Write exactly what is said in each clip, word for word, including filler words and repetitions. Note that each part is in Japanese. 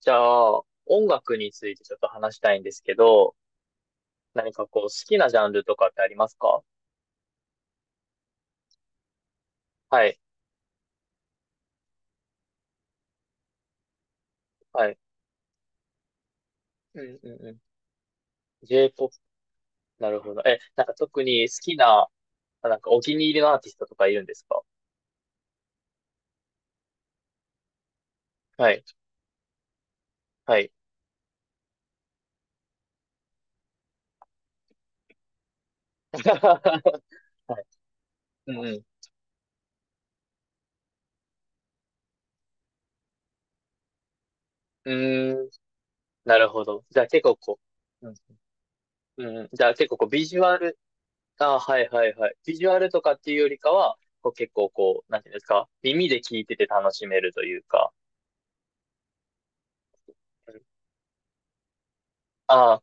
じゃあ、音楽についてちょっと話したいんですけど、何かこう、好きなジャンルとかってありますか？はい、はい。うんうんうん。J-ポップ、なるほど。え、なんか特に好きな、あなんかお気に入りのアーティストとかいるんですか？はい、はい。はい。うんうん。うーん、なるほど。じゃあ結構こう、うん、うんうん。じゃあ結構こう、ビジュアル、あ、はいはいはい。ビジュアルとかっていうよりかは、こう結構こう、なんていうんですか、耳で聞いてて楽しめるというか、うんあ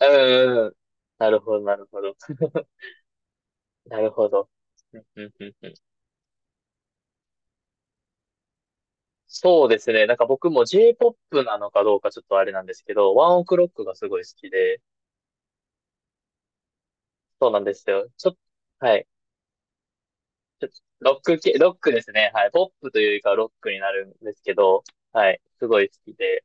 うんうん。なるほど、なるほど。なるほど。うんうんうんうん。そうですね。なんか僕も J-ポップ なのかどうかちょっとあれなんですけど、ワンオクロックがすごい好きで、そうなんですよ。ちょっと、はい。ちょっと、ロック系、ロックですね。はい。ポップというよりかはロックになるんですけど、はい。すごい好きで、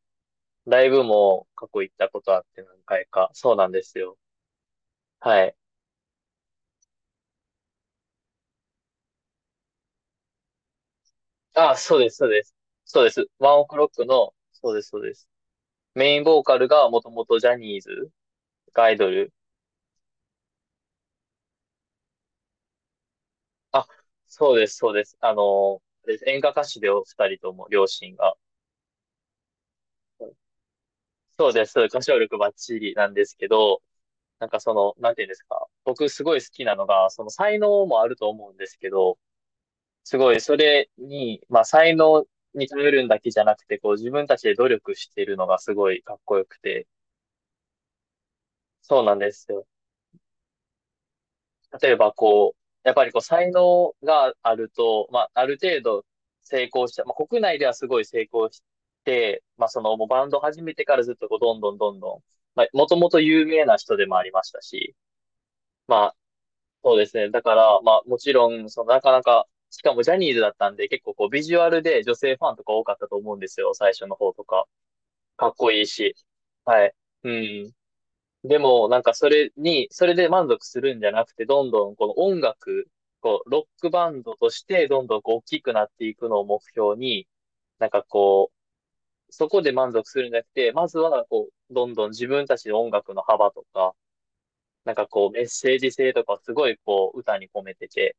ライブも過去行ったことあって何回か。そうなんですよ。はい。あ、そうです、そうです。そうです。ワンオクロックの、そうです、そうです。メインボーカルがもともとジャニーズがアイドル、あ、そうです、そうです。あの、です演歌歌手でお二人とも、両親が。そうです、歌唱力バッチリなんですけど、なんかその、なんていうんですか。僕すごい好きなのが、その才能もあると思うんですけど、すごいそれに、まあ才能に頼るんだけじゃなくて、こう自分たちで努力してるのがすごいかっこよくて、そうなんですよ。例えばこう、やっぱりこう才能があると、まあある程度成功した、まあ国内ではすごい成功して、まあそのもうバンド始めてからずっとこうどんどんどんどん、まあもともと有名な人でもありましたし、まあそうですね。だからまあもちろん、そのなかなか、しかもジャニーズだったんで結構こうビジュアルで女性ファンとか多かったと思うんですよ。最初の方とか。かっこいいし。はい。うん。でも、なんかそれに、それで満足するんじゃなくて、どんどんこの音楽、こう、ロックバンドとして、どんどんこう大きくなっていくのを目標に、なんかこう、そこで満足するんじゃなくて、まずはこう、どんどん自分たちの音楽の幅とか、なんかこう、メッセージ性とかをすごいこう、歌に込めてて、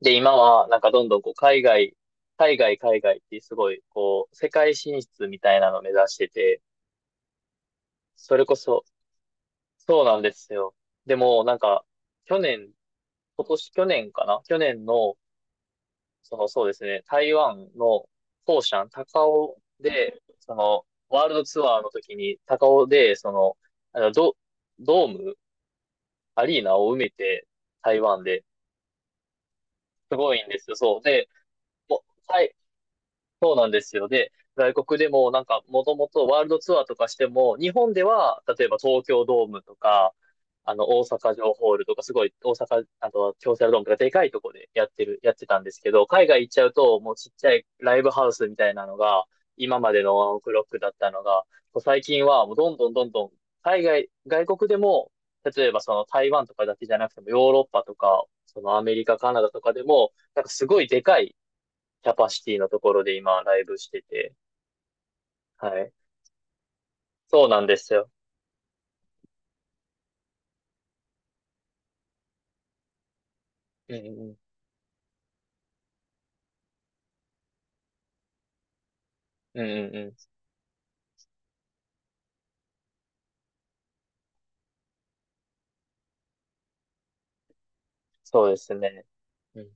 で、今はなんかどんどんこう、海外、海外、海外ってすごい、こう、世界進出みたいなのを目指してて、それこそ、そうなんですよ。でも、なんか、去年、今年、去年かな、去年の、その、そうですね、台湾のフォーシャン、高雄で、その、ワールドツアーの時に、高雄で、その、あのド、ドーム、アリーナを埋めて、台湾で、すごいんですよ。そう。で、もう、はい、そうなんですよ。で、外国でもなんかもともとワールドツアーとかしても、日本では例えば東京ドームとか、あの大阪城ホールとかすごい大阪、あと京セラドームとかでかいとこでやってる、やってたんですけど、海外行っちゃうともうちっちゃいライブハウスみたいなのが、今までのワンオクロックだったのが、最近はもうどんどんどんどん海外、外国でも、例えばその台湾とかだけじゃなくてもヨーロッパとか、そのアメリカ、カナダとかでも、なんかすごいでかいキャパシティのところで今ライブしてて。はい。そうなんですよ。うんうんうん。うんうんうん。そうですね。うん。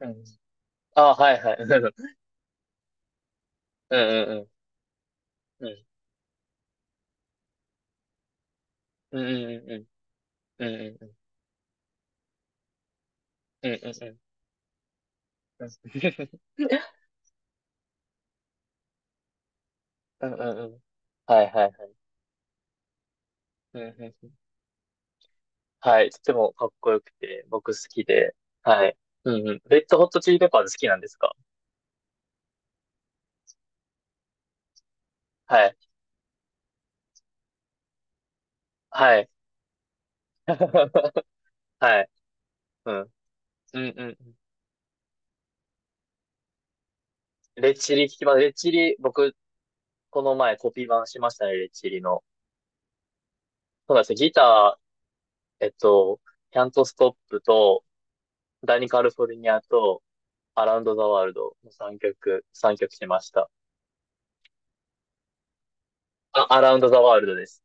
うん。ああ、はいはい。うんうんうん。うんうんうんうん。うんうんうん。うんうんうん。うんうんうん。はいはいはい。うんうんうん。はい。とてもかっこよくて、僕好きで。はい。うんうん。レッドホットチリペッパーズ好きなんですか？はい。はい。はい。うん。うんうんうん。レッチリ聞きます。レッチリ、僕、この前コピー版しましたね、レッチリの。そうなんですよ。ギター、えっと、キャントストップと、ダニカルフォルニアと、アラウンドザワールドのさんきょく、さんきょくしました。あ、アラウンドザワールドです。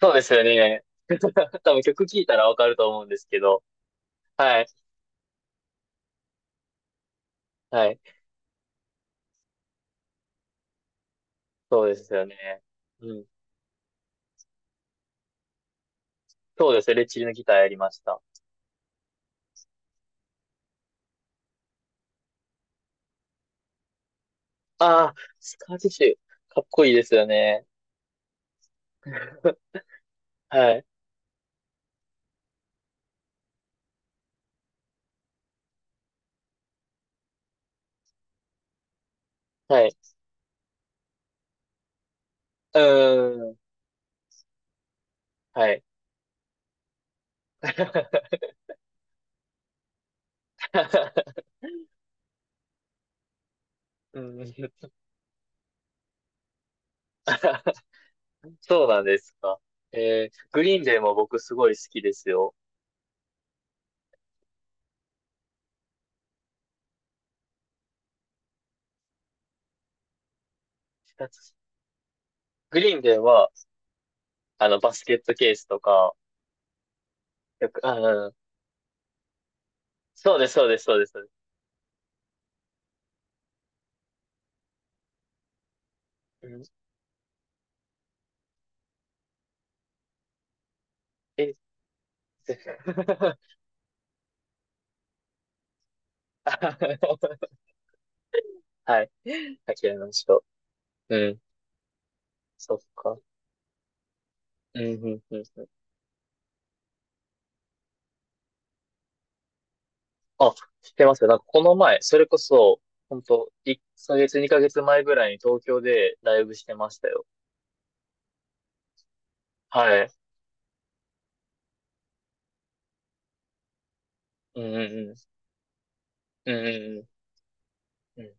そうですよね。多分曲聴いたらわかると思うんですけど。はい。はい。そうですよね。うん。そうですよね。レッチリのギターやりました。ああ、スカーティッシュ。かっこいいですよね。はい。はい。うーん。はい。うん。そうなんですか。えー、グリーンデーも僕すごい好きですよ。グリーンデーは、あの、バスケットケースとか、よく、あのそうです、そうです、そうです。そうです。うん。え、ぜ はい。あきらめましょう。うん。そっか。うん、うん、うん。あ、知ってますよ。なんかこの前、それこそ、ほんと、いっかげつ、にかげつまえぐらいに東京でライブしてましたよ。はい。うん、うん、うん。うん、うん、うん。うん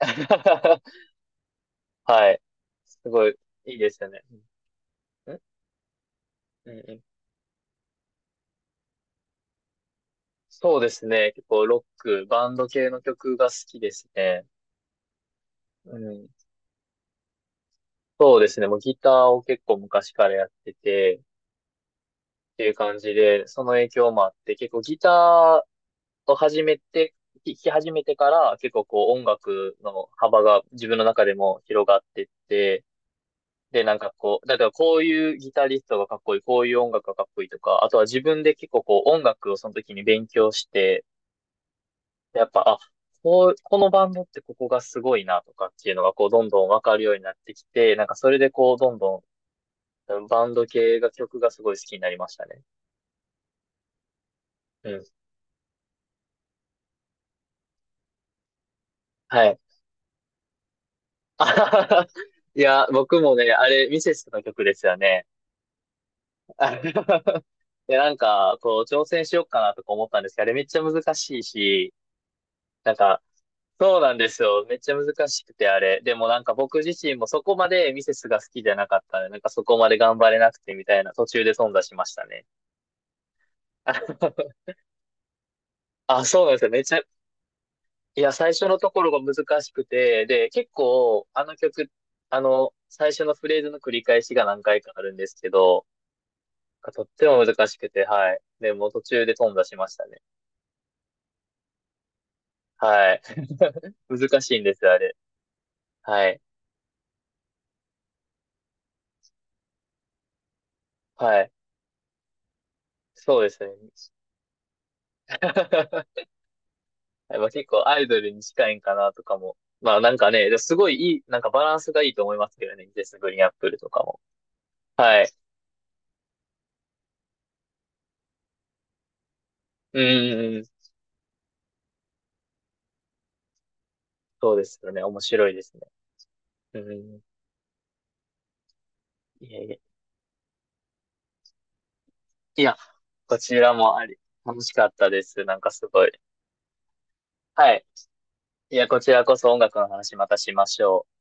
はい。すごい、いいですよね。うん、ん、うん、うん、そうですね。結構ロック、バンド系の曲が好きですね。うん。そうですね。もうギターを結構昔からやってて、っていう感じで、その影響もあって、結構ギターを始めて、弾き始めてから、結構こう音楽の幅が自分の中でも広がってって、で、なんかこう、だからこういうギタリストがかっこいい、こういう音楽がかっこいいとか、あとは自分で結構こう音楽をその時に勉強して、やっぱ、あ、こう、このバンドってここがすごいなとかっていうのが、こう、どんどんわかるようになってきて、なんかそれでこう、どんどん、バンド系が曲がすごい好きになりましたね。うん。はい。あはははいや、僕もね、あれ、ミセスの曲ですよね。あで、なんか、こう、挑戦しようかなとか思ったんですけど、あれめっちゃ難しいし、なんか、そうなんですよ。めっちゃ難しくて、あれ。でもなんか僕自身もそこまでミセスが好きじゃなかったんで、なんかそこまで頑張れなくてみたいな途中で頓挫しましたね。ああ、そうなんですよ。めちゃ、いや、最初のところが難しくて、で、結構、あの曲、あの、最初のフレーズの繰り返しが何回かあるんですけど、とっても難しくて、はい。で、もう途中で頓挫しましたね。はい。難しいんですよ、あれ。はい。はい。そうですね。はい、まあ、結構アイドルに近いんかなとかも。まあなんかね、すごいいい、なんかバランスがいいと思いますけどね。ジェス・グリーンアップルとかも。はい。うんうんうん。そうですよね。面白いですね。うん。いやいや。いや、こちらもあり、楽しかったです。なんかすごい。はい。いや、こちらこそ音楽の話またしましょう。